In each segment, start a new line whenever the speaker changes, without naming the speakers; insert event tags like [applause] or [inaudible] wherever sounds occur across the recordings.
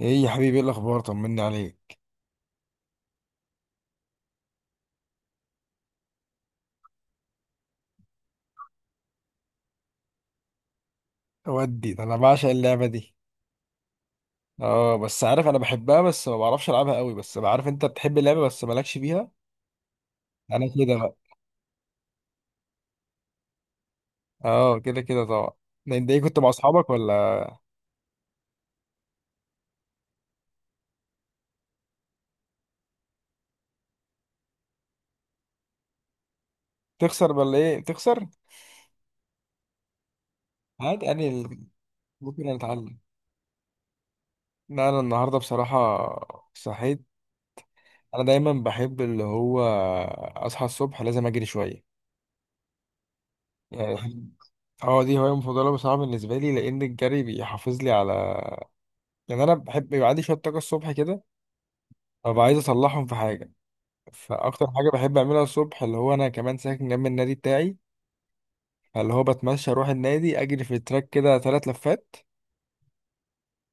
ايه يا حبيبي، ايه الاخبار؟ طمني عليك. ودي ده انا بعشق اللعبه دي. اه بس عارف، انا بحبها بس ما بعرفش العبها قوي، بس بعرف انت بتحب اللعبه بس مالكش فيها. انا كده بقى. اه، كده كده طبعا. ده انت ايه كنت مع اصحابك ولا؟ تخسر ولا ايه؟ بتخسر؟ عادي، انا ممكن أنا اتعلم. لا، انا النهارده بصراحه صحيت. انا دايما بحب اللي هو اصحى الصبح، لازم اجري شويه. يعني [laughs] اه دي هوايه مفضله بصراحه بالنسبه لي، لان الجري بيحافظ لي على، يعني انا بحب يبقى عندي شويه طاقه الصبح كده. طب عايز اصلحهم في حاجه، فاكتر حاجه بحب اعملها الصبح اللي هو انا كمان ساكن جنب النادي بتاعي، فاللي هو بتمشى اروح النادي اجري في التراك كده 3 لفات،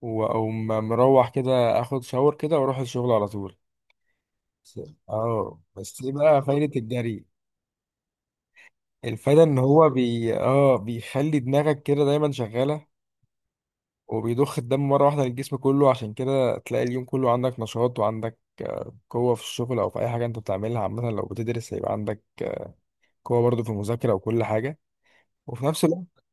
واقوم مروح كده، اخد شاور كده واروح الشغل على طول. بس- اه بس ايه بقى فايده الجري؟ الفايده ان هو بي اه بيخلي دماغك كده دايما شغاله، وبيضخ الدم مره واحده للجسم كله، عشان كده تلاقي اليوم كله عندك نشاط، وعندك قوه في الشغل او في اي حاجه انت بتعملها. عامه لو بتدرس هيبقى عندك قوه برضه في المذاكره وكل حاجه، وفي نفس الوقت.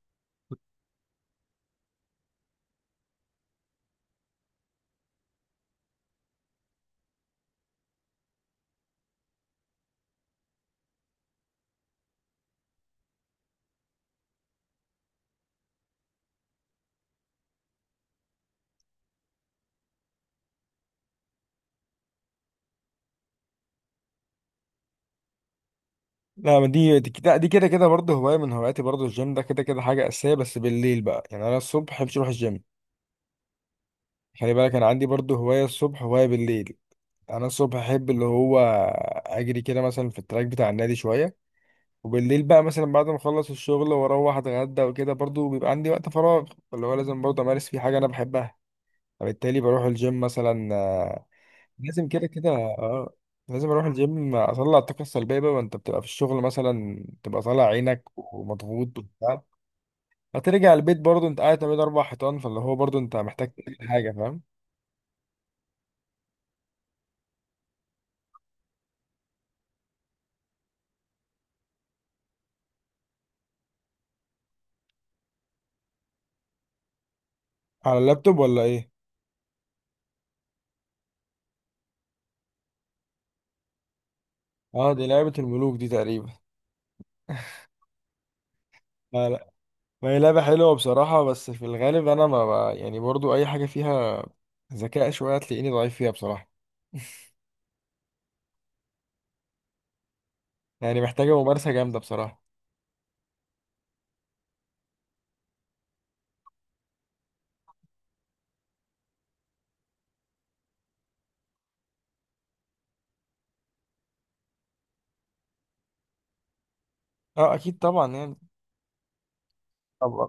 لا، ما دي كده دي كده كده برضه هواية من هواياتي، برضه الجيم ده كده كده حاجة أساسية، بس بالليل بقى يعني أنا الصبح محبش أروح الجيم. خلي بالك أنا عندي برضه هواية الصبح، هواية بالليل. أنا الصبح أحب اللي هو أجري كده مثلا في التراك بتاع النادي شوية، وبالليل بقى مثلا بعد ما أخلص الشغل وأروح أتغدى وكده، برضه بيبقى عندي وقت فراغ اللي هو لازم برضه أمارس فيه حاجة أنا بحبها، فبالتالي بروح الجيم مثلا. لازم كده كده، اه لازم اروح الجيم، اطلع الطاقه السلبيه بقى، ما انت بتبقى في الشغل مثلا تبقى طالع عينك ومضغوط وبتاع. هترجع البيت برضه انت قاعد ما بين 4 حيطان، فاللي هو برضه انت محتاج تعمل حاجه، فاهم؟ على اللابتوب ولا ايه؟ اه دي لعبه الملوك دي تقريبا. لا لا، ما هي لعبه حلوه بصراحه، بس في الغالب انا يعني برضه اي حاجه فيها ذكاء شويه هتلاقيني ضعيف فيها بصراحه. يعني محتاجه ممارسه جامده بصراحه. اه اكيد طبعا يعني. طبعا.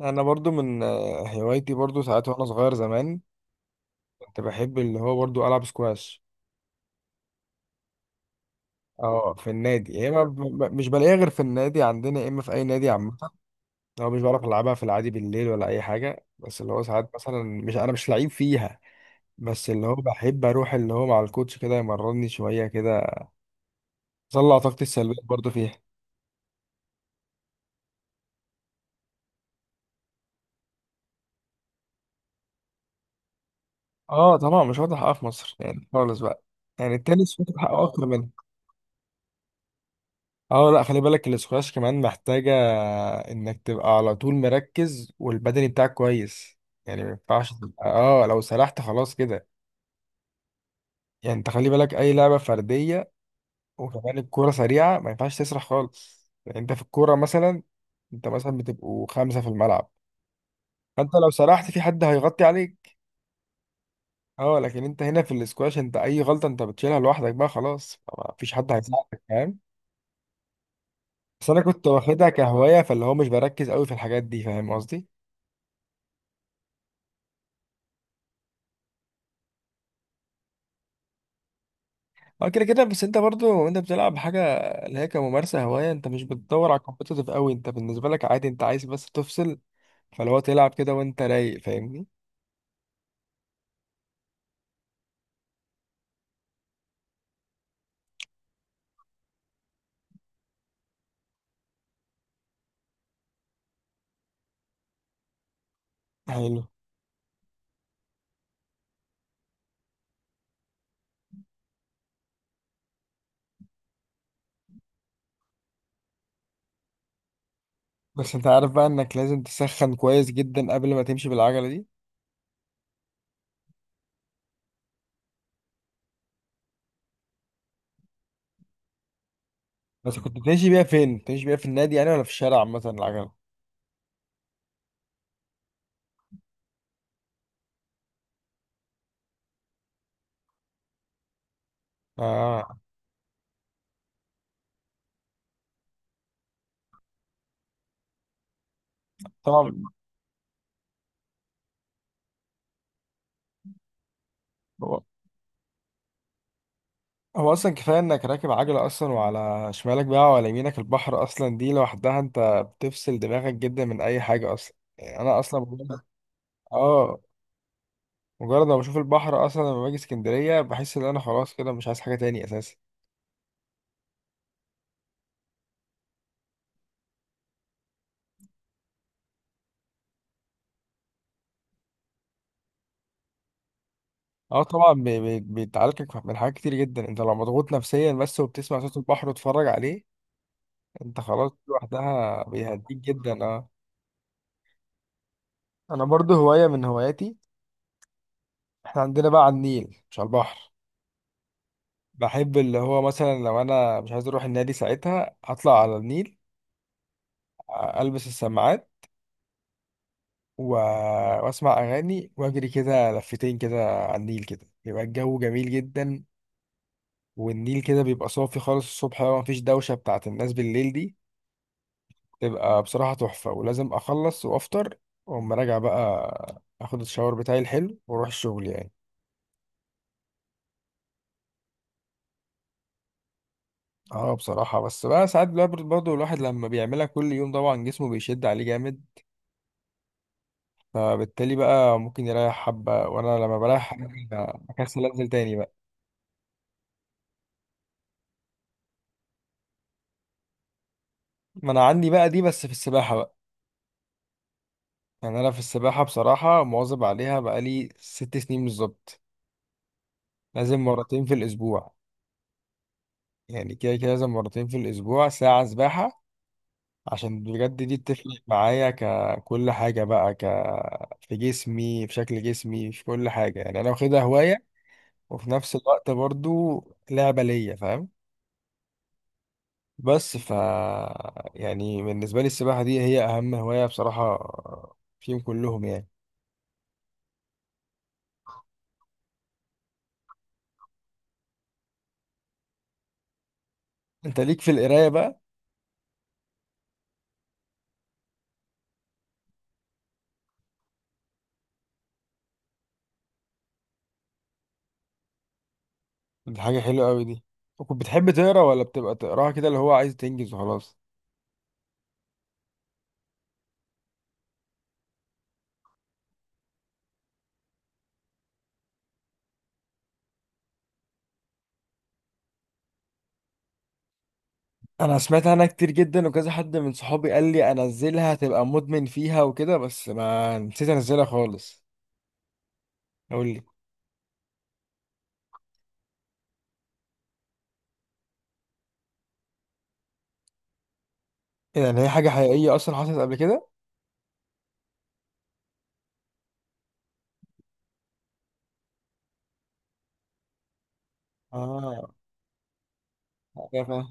انا برضو من هوايتي برضو ساعات، وانا صغير زمان كنت بحب اللي هو برضو العب سكواش. اه في النادي، يا اما مش بلاقيها غير في النادي عندنا، يا اما في اي نادي عامه. لو مش بعرف العبها في العادي بالليل ولا اي حاجه، بس اللي هو ساعات مثلا مش انا مش لعيب فيها، بس اللي هو بحب اروح اللي هو مع الكوتش كده يمرني شويه كده، اطلع طاقتي السلبيه برضو فيها. اه طبعا مش واخد حقها في مصر يعني خالص بقى، يعني التنس واخد حقه اكتر. اه لا، خلي بالك الاسكواش كمان محتاجة انك تبقى على طول مركز، والبدني بتاعك كويس، يعني ما ينفعش اه لو سرحت خلاص كده. يعني انت خلي بالك اي لعبة فردية، وكمان الكورة سريعة، ما ينفعش تسرح خالص، يعني انت في الكورة مثلا، انت مثلا بتبقوا 5 في الملعب، فانت لو سرحت في حد هيغطي عليك. اه لكن انت هنا في الاسكواش انت اي غلطة انت بتشيلها لوحدك، بقى خلاص ما فيش حد هيساعدك، فاهم؟ بس انا كنت واخدها كهواية، فاللي هو مش بركز قوي في الحاجات دي، فاهم قصدي؟ اه كده كده، بس انت برضو انت بتلعب حاجه اللي هي كممارسه هوايه، انت مش بتدور على كومبيتيتيف قوي، انت بالنسبه لك عادي، انت عايز بس تفصل، فلو تلعب كده وانت رايق، فاهمني؟ حلو. بس انت عارف بقى انك لازم تسخن كويس جدا قبل ما تمشي بالعجله دي. بس كنت بتمشي بيها فين؟ بتمشي بيها في النادي يعني ولا في الشارع عامه العجله؟ اه طبعا. هو هو اصلا كفايه انك راكب عجله اصلا، وعلى شمالك بقى وعلى يمينك البحر، اصلا دي لوحدها انت بتفصل دماغك جدا من اي حاجه، اصلا يعني انا اصلا اه مجرد ما بشوف البحر اصلا لما باجي اسكندريه بحس ان انا خلاص كده مش عايز حاجه تاني اساسا. اه طبعا بيتعالجك من حاجات كتير جدا، انت لو مضغوط نفسيا بس وبتسمع صوت البحر وتتفرج عليه، انت خلاص لوحدها بيهديك جدا، اه. انا برضو هوايه من هواياتي، احنا عندنا بقى على النيل مش على البحر. بحب اللي هو مثلا لو انا مش عايز اروح النادي ساعتها اطلع على النيل، البس السماعات و... واسمع اغاني، واجري كده لفتين كده على النيل كده يبقى الجو جميل جدا. والنيل كده بيبقى صافي خالص الصبح بقى، مفيش دوشة بتاعت الناس بالليل دي، تبقى بصراحة تحفة، ولازم أخلص وأفطر، وأقوم راجع بقى، أخد الشاور بتاعي الحلو وأروح الشغل يعني. اه بصراحة، بس بقى ساعات بقى برضه الواحد لما بيعملها كل يوم طبعا جسمه بيشد عليه جامد، فبالتالي بقى ممكن يريح حبة، وأنا لما بريح حبة بكسل أنزل تاني بقى. ما أنا عندي بقى دي بس في السباحة بقى، يعني أنا في السباحة بصراحة مواظب عليها بقالي 6 سنين بالظبط. لازم مرتين في الأسبوع، يعني كده كده لازم مرتين في الأسبوع ساعة سباحة، عشان بجد دي بتفرق معايا ككل حاجة بقى، في جسمي، في شكل جسمي، في كل حاجة، يعني أنا واخدها هواية، وفي نفس الوقت برضو لعبة ليا، فاهم؟ بس يعني بالنسبة لي السباحة دي هي أهم هواية بصراحة فيهم كلهم يعني. أنت ليك في القراية بقى. دي حاجة حلوة أوي دي، وكنت بتحب تقرا، ولا بتبقى تقراها كده اللي هو عايز تنجز وخلاص؟ انا سمعت عنها كتير جدا، وكذا حد من صحابي قال لي انزلها تبقى مدمن فيها وكده، بس ما نسيت انزلها خالص. قول لي. يعني هي حاجه حقيقيه اصلا حصلت قبل كده؟ اه يا فاهم.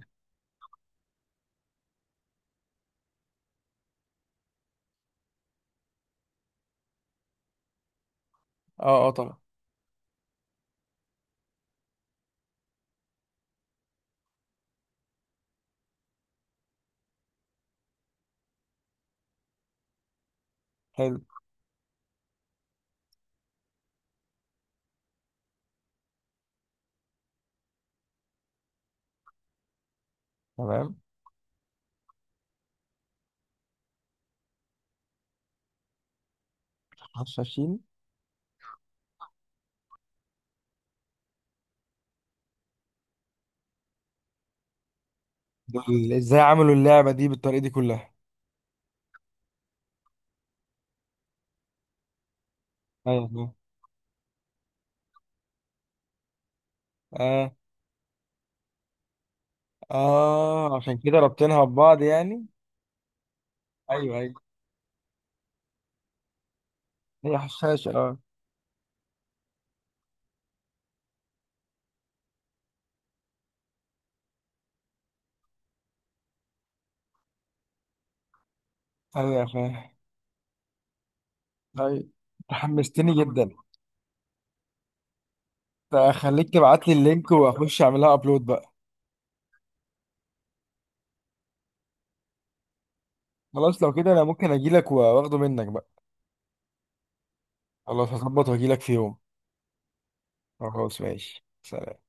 اه اه طبعا. حلو. تمام. حشاشين. دول ازاي عملوا اللعبه دي بالطريقه دي كلها؟ ايوه فاهم. اه. اه عشان كده ربطينها ببعض يعني. ايوه ايوه. هي حشاشة، اه. ايوه يا فاهم. ايوه، انت حمستني جدا. طيب، خليك تبعت لي اللينك واخش اعملها ابلود بقى. خلاص لو كده انا ممكن اجيلك واخده منك بقى. خلاص، هظبط واجيلك في يوم. خلاص ماشي، سلام.